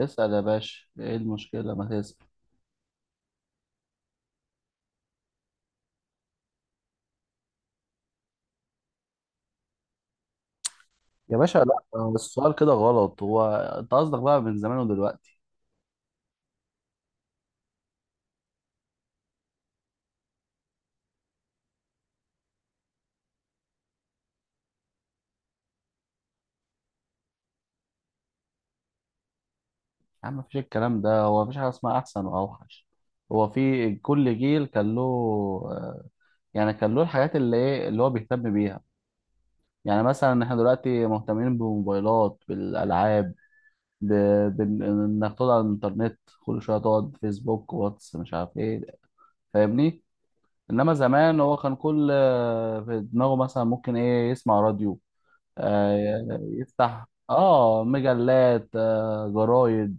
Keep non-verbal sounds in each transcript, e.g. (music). اسأل يا باشا، ايه المشكلة؟ ما تسأل. يا باشا لا، هو السؤال كده غلط. هو انت قصدك بقى من زمان ودلوقتي. يا عم، مفيش الكلام ده. هو مفيش حاجة اسمها أحسن وأوحش. هو في كل جيل كان له، آه، يعني كان له الحاجات اللي ايه اللي هو بيهتم بيها. يعني مثلا احنا دلوقتي مهتمين بالموبايلات، بالألعاب، إنك تقعد على الإنترنت كل شوية، تقعد فيسبوك، واتس، مش عارف ايه. فاهمني؟ إنما زمان هو كان كل في دماغه مثلا ممكن ايه يسمع راديو، آه، يفتح مجلات، جرايد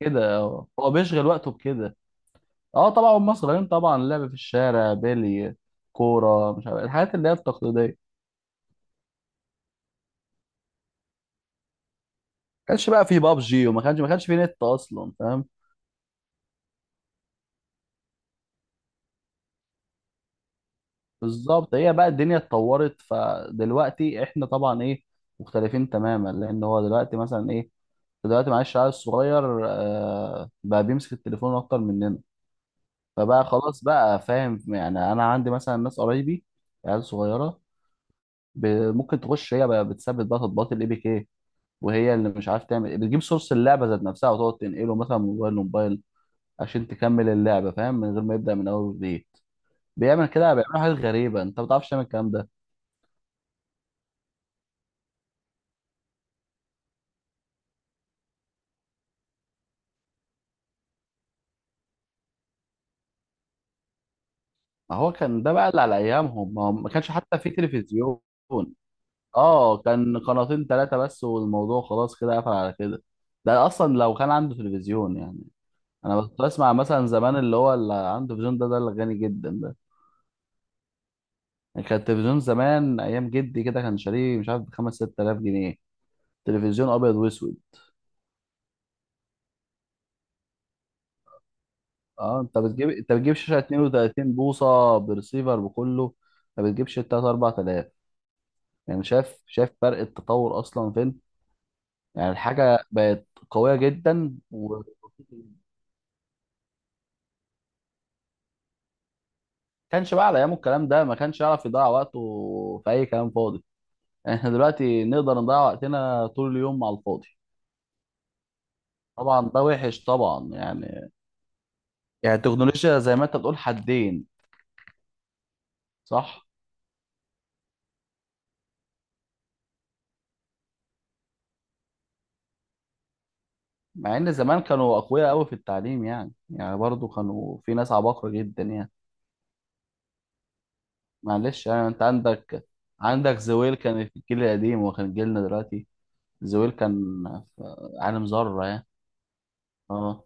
كده. هو بيشغل وقته بكده. اه طبعا هم صغيرين، طبعا لعب في الشارع، بيلي، كوره، مش عارف الحاجات اللي هي التقليديه. ما كانش بقى في بابجي، وما كانش ما كانش في نت اصلا. فاهم؟ بالظبط. هي بقى الدنيا اتطورت، فدلوقتي احنا طبعا ايه، مختلفين تماما. لان هو دلوقتي مثلا ايه، دلوقتي معلش العيل الصغير آه بقى بيمسك التليفون اكتر مننا. فبقى خلاص بقى، فاهم؟ يعني انا عندي مثلا ناس قرايبي، عيال صغيره، ب- ممكن تخش هي بقى بتثبت بقى تطبيقات الاي بي كي، وهي اللي مش عارف تعمل إيه، بتجيب سورس اللعبه ذات نفسها وتقعد تنقله مثلا من موبايل لموبايل عشان تكمل اللعبه، فاهم، من غير ما يبدا من اول وجديد. بيعمل كده، بيعمل حاجات غريبه، انت ما بتعرفش تعمل الكلام ده. ما هو كان ده بقى اللي على ايامهم، ما هو ما كانش حتى في تلفزيون. اه، كان قناتين ثلاثه بس، والموضوع خلاص كده قفل على كده. ده اصلا لو كان عنده تلفزيون يعني. انا كنت بسمع مثلا زمان، اللي هو اللي عنده تلفزيون ده، اللي غني جدا ده. يعني كان التلفزيون زمان ايام جدي كده، كان شاريه مش عارف بخمس ست آلاف جنيه. تلفزيون ابيض واسود. اه انت بتجيب شاشه 32 بوصه برسيفر بكله، ما بتجيبش 3 4000. يعني شايف شايف فرق التطور اصلا فين، يعني الحاجه بقت قويه جدا، و كانش بقى على ايامه الكلام ده، ما كانش يعرف يضيع وقته في اي كلام فاضي. (laughs) احنا دلوقتي نقدر نضيع وقتنا طول اليوم على الفاضي. طبعا ده وحش طبعا يعني. التكنولوجيا زي ما انت بتقول حدين. صح. مع ان زمان كانوا اقوياء قوي في التعليم، يعني برضو كانوا في ناس عباقرة جدا يعني. معلش، يعني انت عندك زويل كان في الجيل القديم، وكان جيلنا دلوقتي زويل كان في عالم ذرة يعني. اه،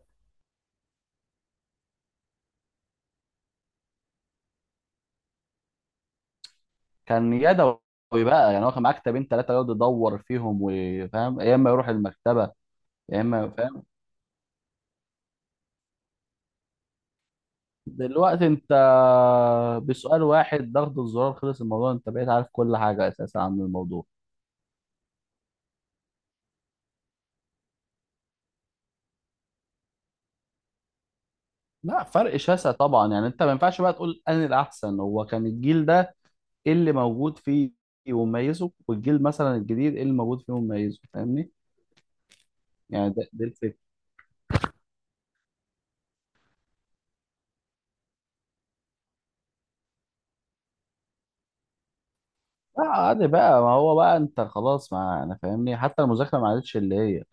كان يدوي بقى، يعني هو كان معاه كتابين ثلاثة يقعد يدور فيهم وفاهم، يا اما يروح المكتبة، يا اما فاهم. دلوقتي انت بسؤال واحد، ضغط الزرار، خلص الموضوع، انت بقيت عارف كل حاجه اساسا عن الموضوع. لا، فرق شاسع طبعا يعني، انت ما ينفعش بقى تقول انا الاحسن. هو كان الجيل ده ايه اللي موجود فيه ومميزه، والجيل مثلا الجديد ايه اللي موجود فيه ومميزه. فاهمني؟ يعني ده الفكره. لا عادي بقى، ما هو بقى انت خلاص، ما انا فاهمني. حتى المذاكره ما عادتش اللي هي،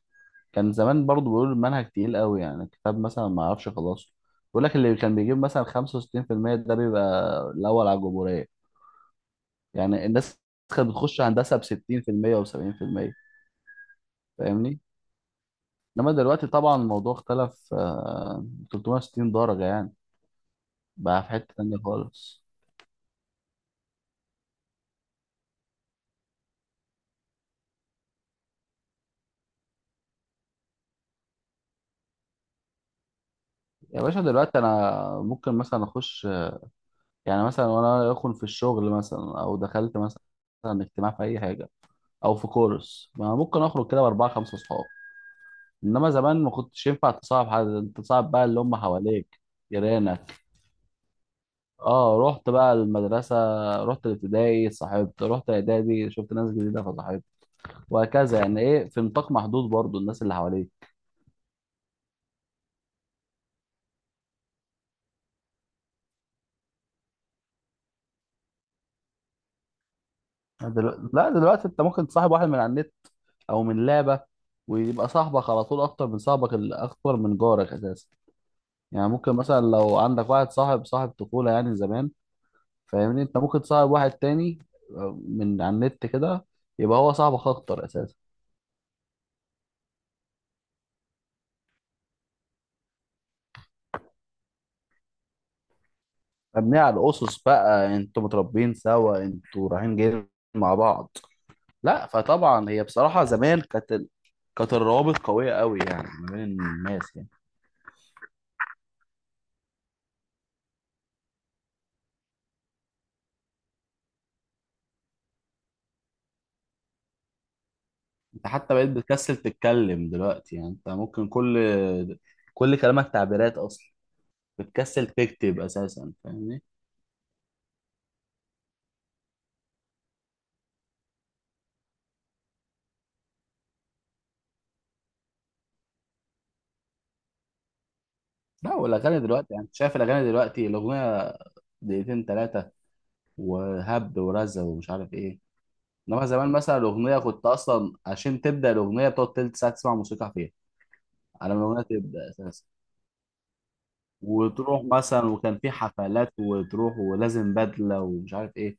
كان زمان برضو بيقولوا المنهج تقيل قوي يعني، الكتاب مثلا ما اعرفش خلاص، يقول لك اللي كان بيجيب مثلا 65% ده بيبقى الاول على الجمهوريه. يعني الناس كانت بتخش هندسه ب 60% و70%. فاهمني؟ انما دلوقتي طبعا الموضوع اختلف، 360 درجه يعني، بقى في حته تانيه خالص. يا باشا دلوقتي انا ممكن مثلا اخش، يعني مثلا وانا اكون في الشغل مثلا، او دخلت مثلا اجتماع في اي حاجه، او في كورس، ما ممكن اخرج كده باربعه خمسه اصحاب. انما زمان ما كنتش ينفع تصاحب حد، انت تصاحب بقى اللي هم حواليك، جيرانك. اه، رحت بقى المدرسة، رحت الابتدائي صاحبت، رحت اعدادي شفت ناس جديدة فصاحبت، وهكذا يعني ايه، في نطاق محدود برضو الناس اللي حواليك. لا، دلوقتي انت ممكن تصاحب واحد من على النت، او من لعبة، ويبقى صاحبك على طول اكتر من اكتر من جارك اساسا. يعني ممكن مثلا لو عندك واحد صاحب طفولة يعني زمان، فاهمني، انت ممكن تصاحب واحد تاني، من على النت كده، يبقى هو صاحبك اكتر اساسا. مبنية على الاسس بقى، انتوا متربيين سوا، انتوا رايحين جايين مع بعض. لا، فطبعا هي بصراحة زمان كانت الروابط قوية قوي يعني ما بين الناس يعني. انت حتى بقيت بتكسل تتكلم دلوقتي، يعني انت ممكن كل كلامك تعبيرات اصلا، بتكسل تكتب اساسا. فاهمني؟ لا، والاغاني دلوقتي يعني، انت شايف الاغاني دلوقتي، الاغنية دقيقتين ثلاثة وهبد ورزة ومش عارف ايه. انما زمان مثلا الاغنية، كنت اصلا عشان تبدأ الاغنية بتقعد تلت ساعة تسمع موسيقى فيها، على ما الاغنية تبدأ اساسا. وتروح مثلا، وكان في حفلات وتروح ولازم بدلة ومش عارف ايه.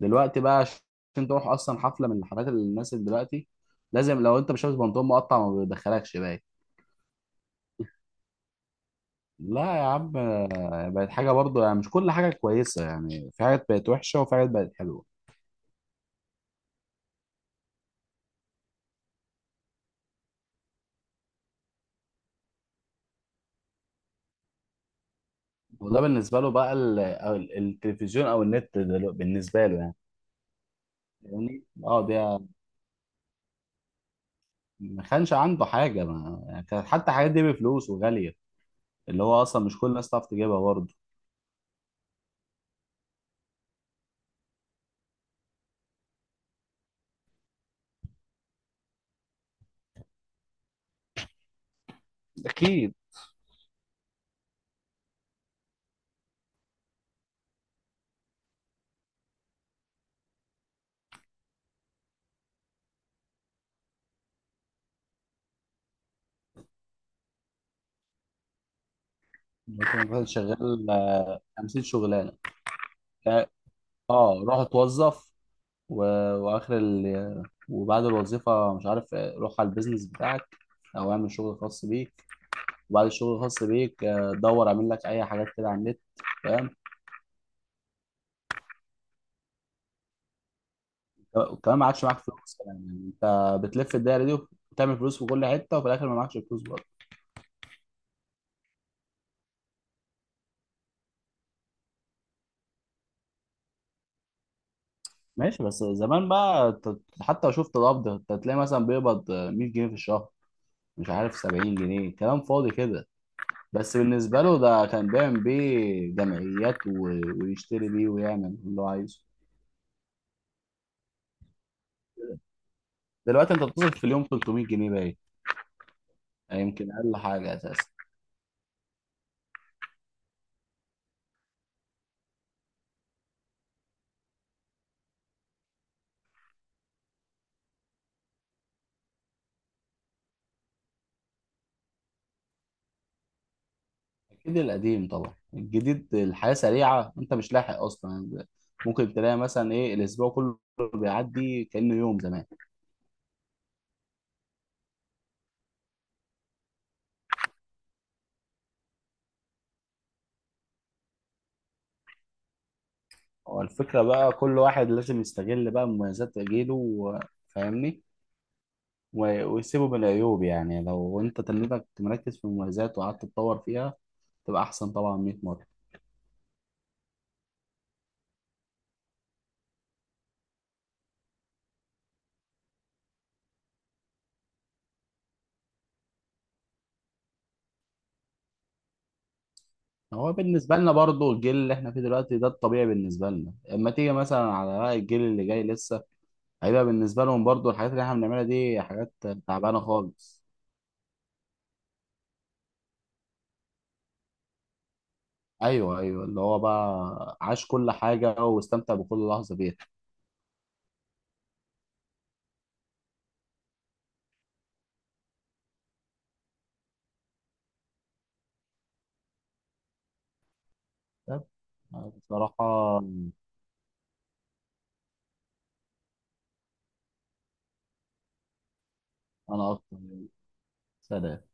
دلوقتي بقى عشان تروح اصلا حفلة من الحفلات اللي الناس اللي دلوقتي، لازم لو انت مش لابس بنطلون مقطع ما بيدخلكش باين. لا يا عم، بقت حاجة برضو يعني، مش كل حاجة كويسة يعني، في حاجات بقت وحشة وفي حاجات بقت حلوة. وده بالنسبة له بقى التلفزيون أو النت، بالنسبة له يعني. يعني اه ده، ما كانش عنده حاجة ما، يعني كانت حتى الحاجات دي بفلوس وغالية، اللي هو أصلا مش كل الناس تعرف تجيبها برضه. أكيد. كنت مثلا شغال، 50 شغلانه. اه، روح اتوظف، و... واخر ال... وبعد الوظيفه مش عارف، روح على البيزنس بتاعك، او اعمل شغل خاص بيك، وبعد الشغل الخاص بيك دور اعمل لك اي حاجات كده على النت. فاهم؟ وكمان ما عادش معاك فلوس كمان، يعني انت بتلف الدايره دي، وتعمل فلوس في كل حته، وفي الاخر ما معكش فلوس برضه. ماشي، بس زمان بقى حتى لو شفت القبض، انت تلاقي مثلا بيقبض، 100 جنيه في الشهر، مش عارف 70 جنيه، كلام فاضي كده. بس بالنسبة له ده كان بيعمل بيه جمعيات، ويشتري بيه ويعمل اللي هو عايزه. دلوقتي انت بتصرف في اليوم 300 جنيه باين، يعني يمكن اقل حاجة اساسا. اكيد القديم طبعا. الجديد الحياة سريعة، انت مش لاحق اصلا. ممكن تلاقي مثلا ايه، الاسبوع كله بيعدي كأنه يوم زمان. هو الفكرة بقى كل واحد لازم يستغل بقى مميزات جيله فاهمني، ويسيبه من العيوب، يعني لو انت تنيتك مركز في المميزات وقعدت تتطور فيها، تبقى احسن طبعا 100 مرة. هو بالنسبة لنا برضو الجيل اللي احنا فيه دلوقتي ده الطبيعي بالنسبة لنا، اما تيجي مثلا على بقى الجيل اللي جاي لسه، هيبقى بالنسبة لهم برضو الحاجات اللي احنا بنعملها دي حاجات تعبانة خالص. ايوه، ايوه، اللي هو بقى عاش كل حاجة واستمتع بكل لحظة بيها. طب، بصراحة انا اكتر. سلام.